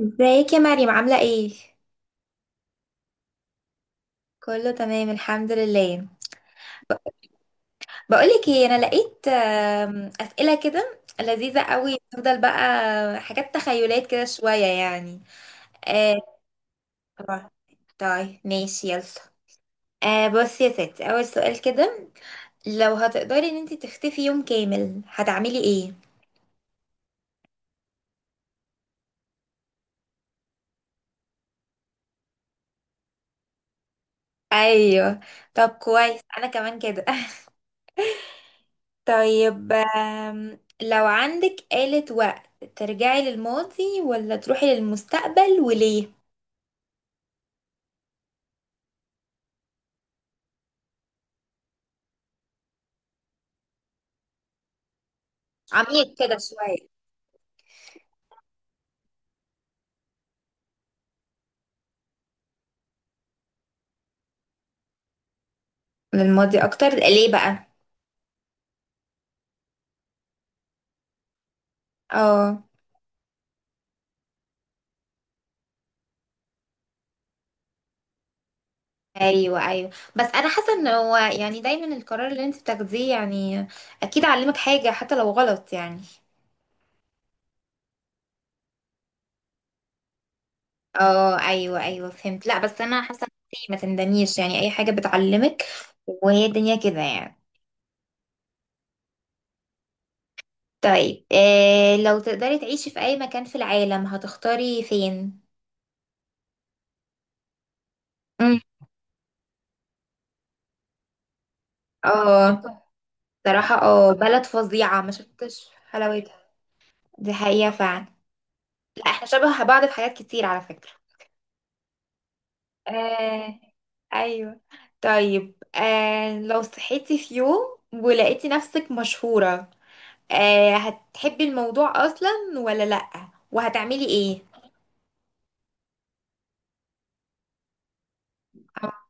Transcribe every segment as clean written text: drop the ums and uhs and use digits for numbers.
ازيك يا مريم عاملة ايه؟ كله تمام الحمد لله. بقولك ايه، انا لقيت اسئلة كده لذيذة قوي، تفضل بقى. حاجات تخيلات كده شوية يعني. آه، طبعا. طيب ماشي يلا. بصي يا ستي اول سؤال كده. لو هتقدري ان انت تختفي يوم كامل هتعملي ايه؟ ايوه. طب كويس انا كمان كده طيب لو عندك آلة وقت ترجعي للماضي ولا تروحي للمستقبل وليه؟ عميق كده شوية. للماضي أكتر ليه بقى؟ اه ايوه ايوه. بس انا حاسه ان هو يعني دايما القرار اللي انت بتاخديه يعني اكيد علمك حاجه حتى لو غلط يعني. اه ايوه ايوه فهمت. لا بس انا حاسه ان انتي ما تندميش، يعني اي حاجه بتعلمك وهي الدنيا كده يعني. طيب إيه، لو تقدري تعيشي في اي مكان في العالم هتختاري فين؟ امم. اه صراحة اه بلد فظيعة ما شفتش حلاوتها. دي حقيقة فعلا. لا احنا شبه بعض في حاجات كتير على فكرة. آه ايوه. طيب لو صحيتي في يوم ولقيتي نفسك مشهورة، آه هتحبي الموضوع اصلا ولا لأ؟ وهتعملي ايه؟ آه،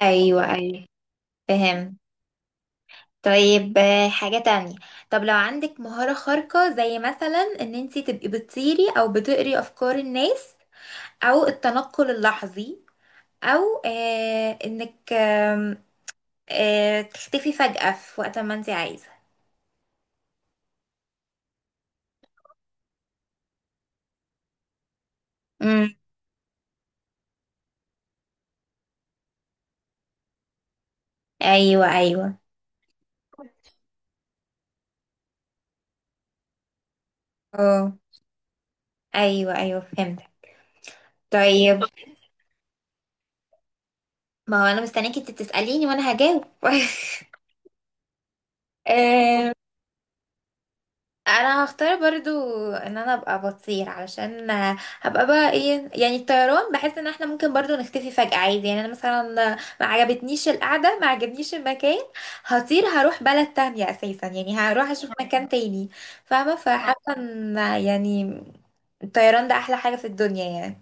ايوه ايوه فهم. طيب حاجة تانية. طب لو عندك مهارة خارقة زي مثلا ان انتي تبقي بتطيري او بتقري افكار الناس، او التنقل اللحظي، او آه انك آه تختفي فجأة في وقت ما انت عايزة. امم، ايوه ايوه. اه ايوه ايوه فهمت. طيب ما هو انا مستنيك انت تسأليني وانا هجاوب. آم، انا هختار برضو ان انا ابقى بطير، علشان هبقى بقى ايه يعني. الطيران بحس ان احنا ممكن برضو نختفي فجأة عادي يعني. انا مثلا ما عجبتنيش القعدة ما عجبنيش المكان، هطير هروح بلد تانية اساسا. يعني هروح اشوف مكان تاني، فاهمة؟ فحاسة ان يعني الطيران ده احلى حاجة في الدنيا يعني.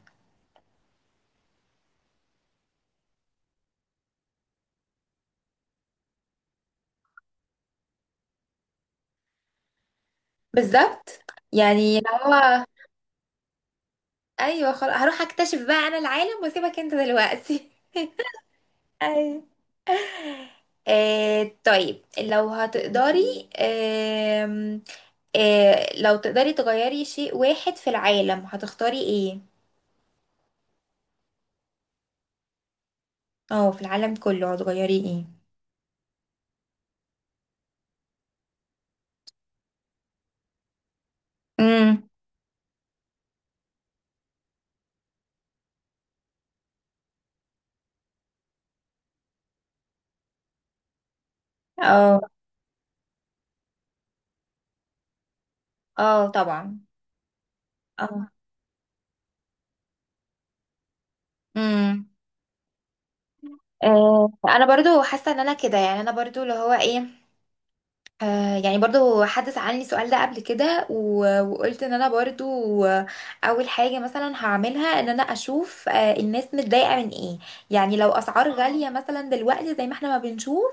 بالظبط، يعني اللي هو ايوه. خلاص، هروح اكتشف بقى انا العالم واسيبك انت دلوقتي. ايوه. آه طيب لو هتقدري آه، لو تقدري تغيري شيء واحد في العالم هتختاري ايه؟ اه في العالم كله هتغيري ايه؟ امم. اه اه طبعا. اه. امم. آه انا برضو حاسه ان انا كده، يعني انا برضو اللي هو ايه. يعني برضو حد سألني السؤال ده قبل كده وقلت ان انا برضو اول حاجة مثلا هعملها ان انا اشوف الناس متضايقة من ايه. يعني لو اسعار اه غالية مثلا دلوقتي زي ما احنا ما بنشوف،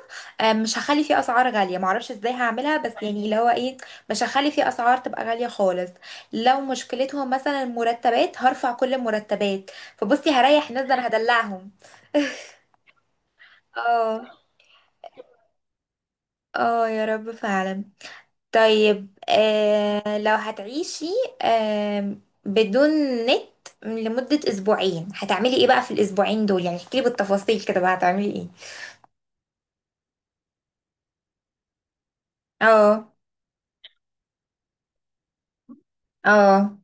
مش هخلي في اسعار غالية، معرفش ازاي هعملها، بس يعني اللي هو ايه، مش هخلي في اسعار تبقى غالية خالص. لو مشكلتهم مثلا المرتبات، هرفع كل المرتبات. فبصي هريح الناس، ده انا هدلعهم. اه اه يا رب فعلا. طيب لو هتعيشي آه بدون نت لمدة أسبوعين هتعملي ايه بقى في الأسبوعين دول؟ يعني احكيلي بالتفاصيل كده بقى هتعملي ايه. اه. اه.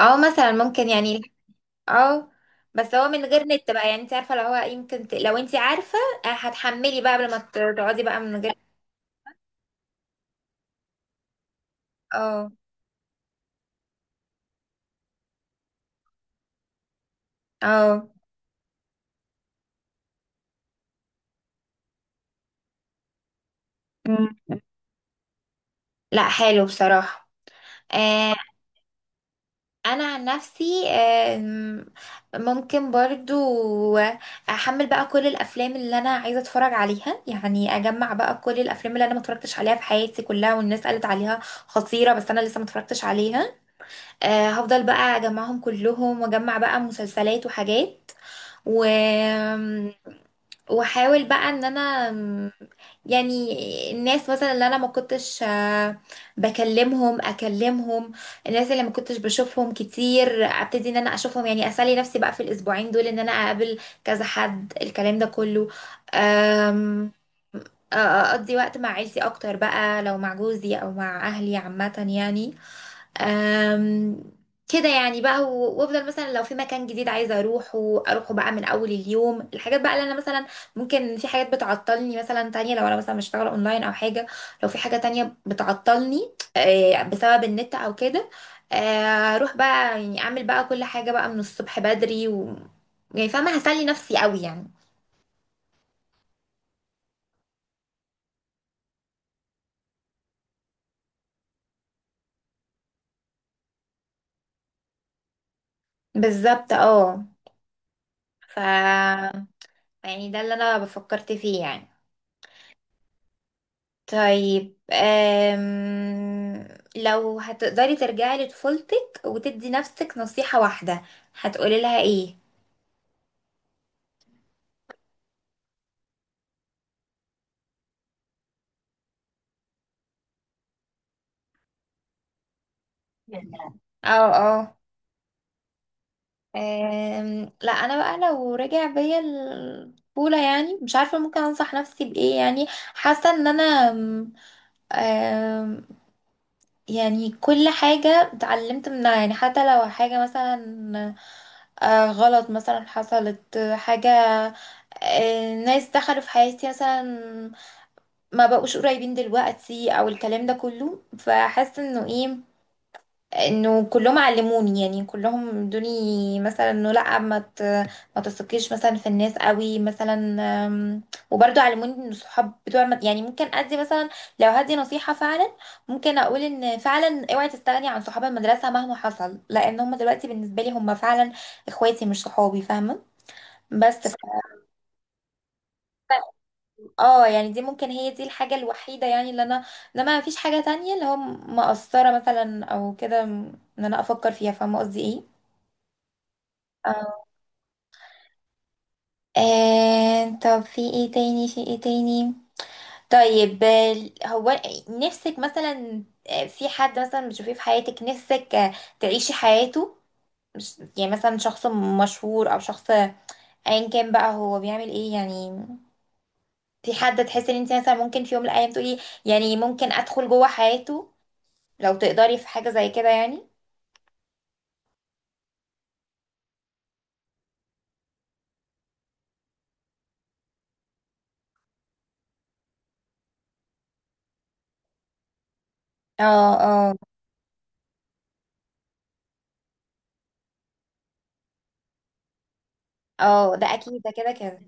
اه مثلا ممكن يعني. اه. بس هو من غير نت بقى، يعني انت عارفة، لو هو يمكن لو انت عارفة هتحملي بقى قبل ما تقعدي بقى من غير. اه اه. مم. لا حلو بصراحة. آه انا عن نفسي ممكن برضو احمل بقى كل الافلام اللي انا عايزه اتفرج عليها. يعني اجمع بقى كل الافلام اللي انا ما اتفرجتش عليها في حياتي كلها، والناس قالت عليها خطيره بس انا لسه ما اتفرجتش عليها. هفضل بقى اجمعهم كلهم واجمع بقى مسلسلات وحاجات و... واحاول بقى ان انا يعني الناس مثلا اللي انا ما كنتش بكلمهم اكلمهم، الناس اللي ما كنتش بشوفهم كتير ابتدي ان انا اشوفهم. يعني اسالي نفسي بقى في الاسبوعين دول ان انا اقابل كذا حد الكلام ده كله. أم، اقضي وقت مع عيلتي اكتر بقى لو مع جوزي او مع اهلي عامة يعني. أم، كده يعني بقى وافضل مثلا لو في مكان جديد عايزه اروحه اروحه بقى من اول اليوم. الحاجات بقى اللي انا مثلا ممكن في حاجات بتعطلني مثلا تانية، لو انا مثلا بشتغل اونلاين او حاجه، لو في حاجه تانية بتعطلني بسبب النت او كده، اروح بقى يعني اعمل بقى كل حاجه بقى من الصبح بدري و يعني فاهمه، هسلي نفسي قوي يعني. بالظبط اه. ف يعني ده اللي انا فكرت فيه يعني. طيب لو هتقدري ترجعي لطفولتك وتدي نفسك نصيحة واحدة هتقولي لها ايه؟ يعني اه اه. لا انا بقى لو رجع بيا الطفولة، يعني مش عارفة ممكن انصح نفسي بايه يعني. حاسة ان انا أم... أم، يعني كل حاجة اتعلمت منها. يعني حتى لو حاجة مثلا غلط مثلا حصلت حاجة، ناس دخلوا في حياتي مثلا، ما بقوش قريبين دلوقتي او الكلام ده كله، فحاسه انه ايه، انه كلهم علموني. يعني كلهم ادوني مثلا انه لا ما تثقيش مثلا في الناس قوي مثلا. أم، وبرضه علموني ان الصحاب بتوع يعني ممكن ادي مثلا، لو هدي نصيحه فعلا ممكن اقول ان فعلا اوعي تستغني عن صحاب المدرسه مهما حصل، لان هم دلوقتي بالنسبه لي هم فعلا اخواتي مش صحابي، فاهمه؟ بس اه، يعني دي ممكن هي دي الحاجة الوحيدة يعني اللي انا، لما مفيش حاجة تانية اللي هو مقصرة مثلا او كده ان انا افكر فيها. فاهمة قصدي ايه؟ اه. آه طب في ايه تاني في ايه تاني. طيب هو نفسك مثلا في حد مثلا بتشوفيه في حياتك نفسك تعيشي حياته، مش يعني مثلا شخص مشهور او شخص ايا كان بقى هو بيعمل ايه يعني. في حد تحسي ان انت مثلا ممكن في يوم من الايام تقولي يعني ممكن ادخل جوه حياته لو تقدري، في حاجة زي كده يعني؟ اه اه اه ده اكيد ده كده كده.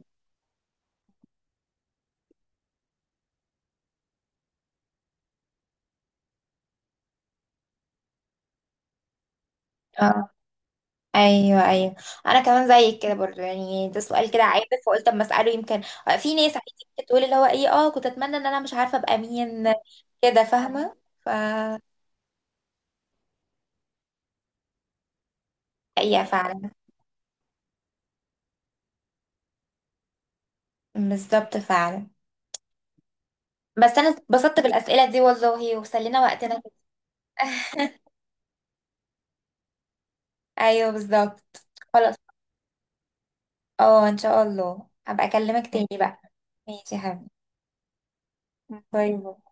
اه ايوه ايوه، انا كمان زيك كده برضو يعني. ده سؤال كده عابر فقلت اما اساله يمكن. في ناس عادي بتقول اللي هو ايه اه كنت اتمنى ان انا مش عارفه ابقى مين كده، فاهمه؟ ف حقيقه فعلا، بالظبط فعلا. بس انا اتبسطت بالاسئله دي والله وسلينا وقتنا كده. ايوه بالظبط. خلاص اه ان شاء الله هبقى اكلمك تاني بقى. ماشي يا حبيبي، باي باي.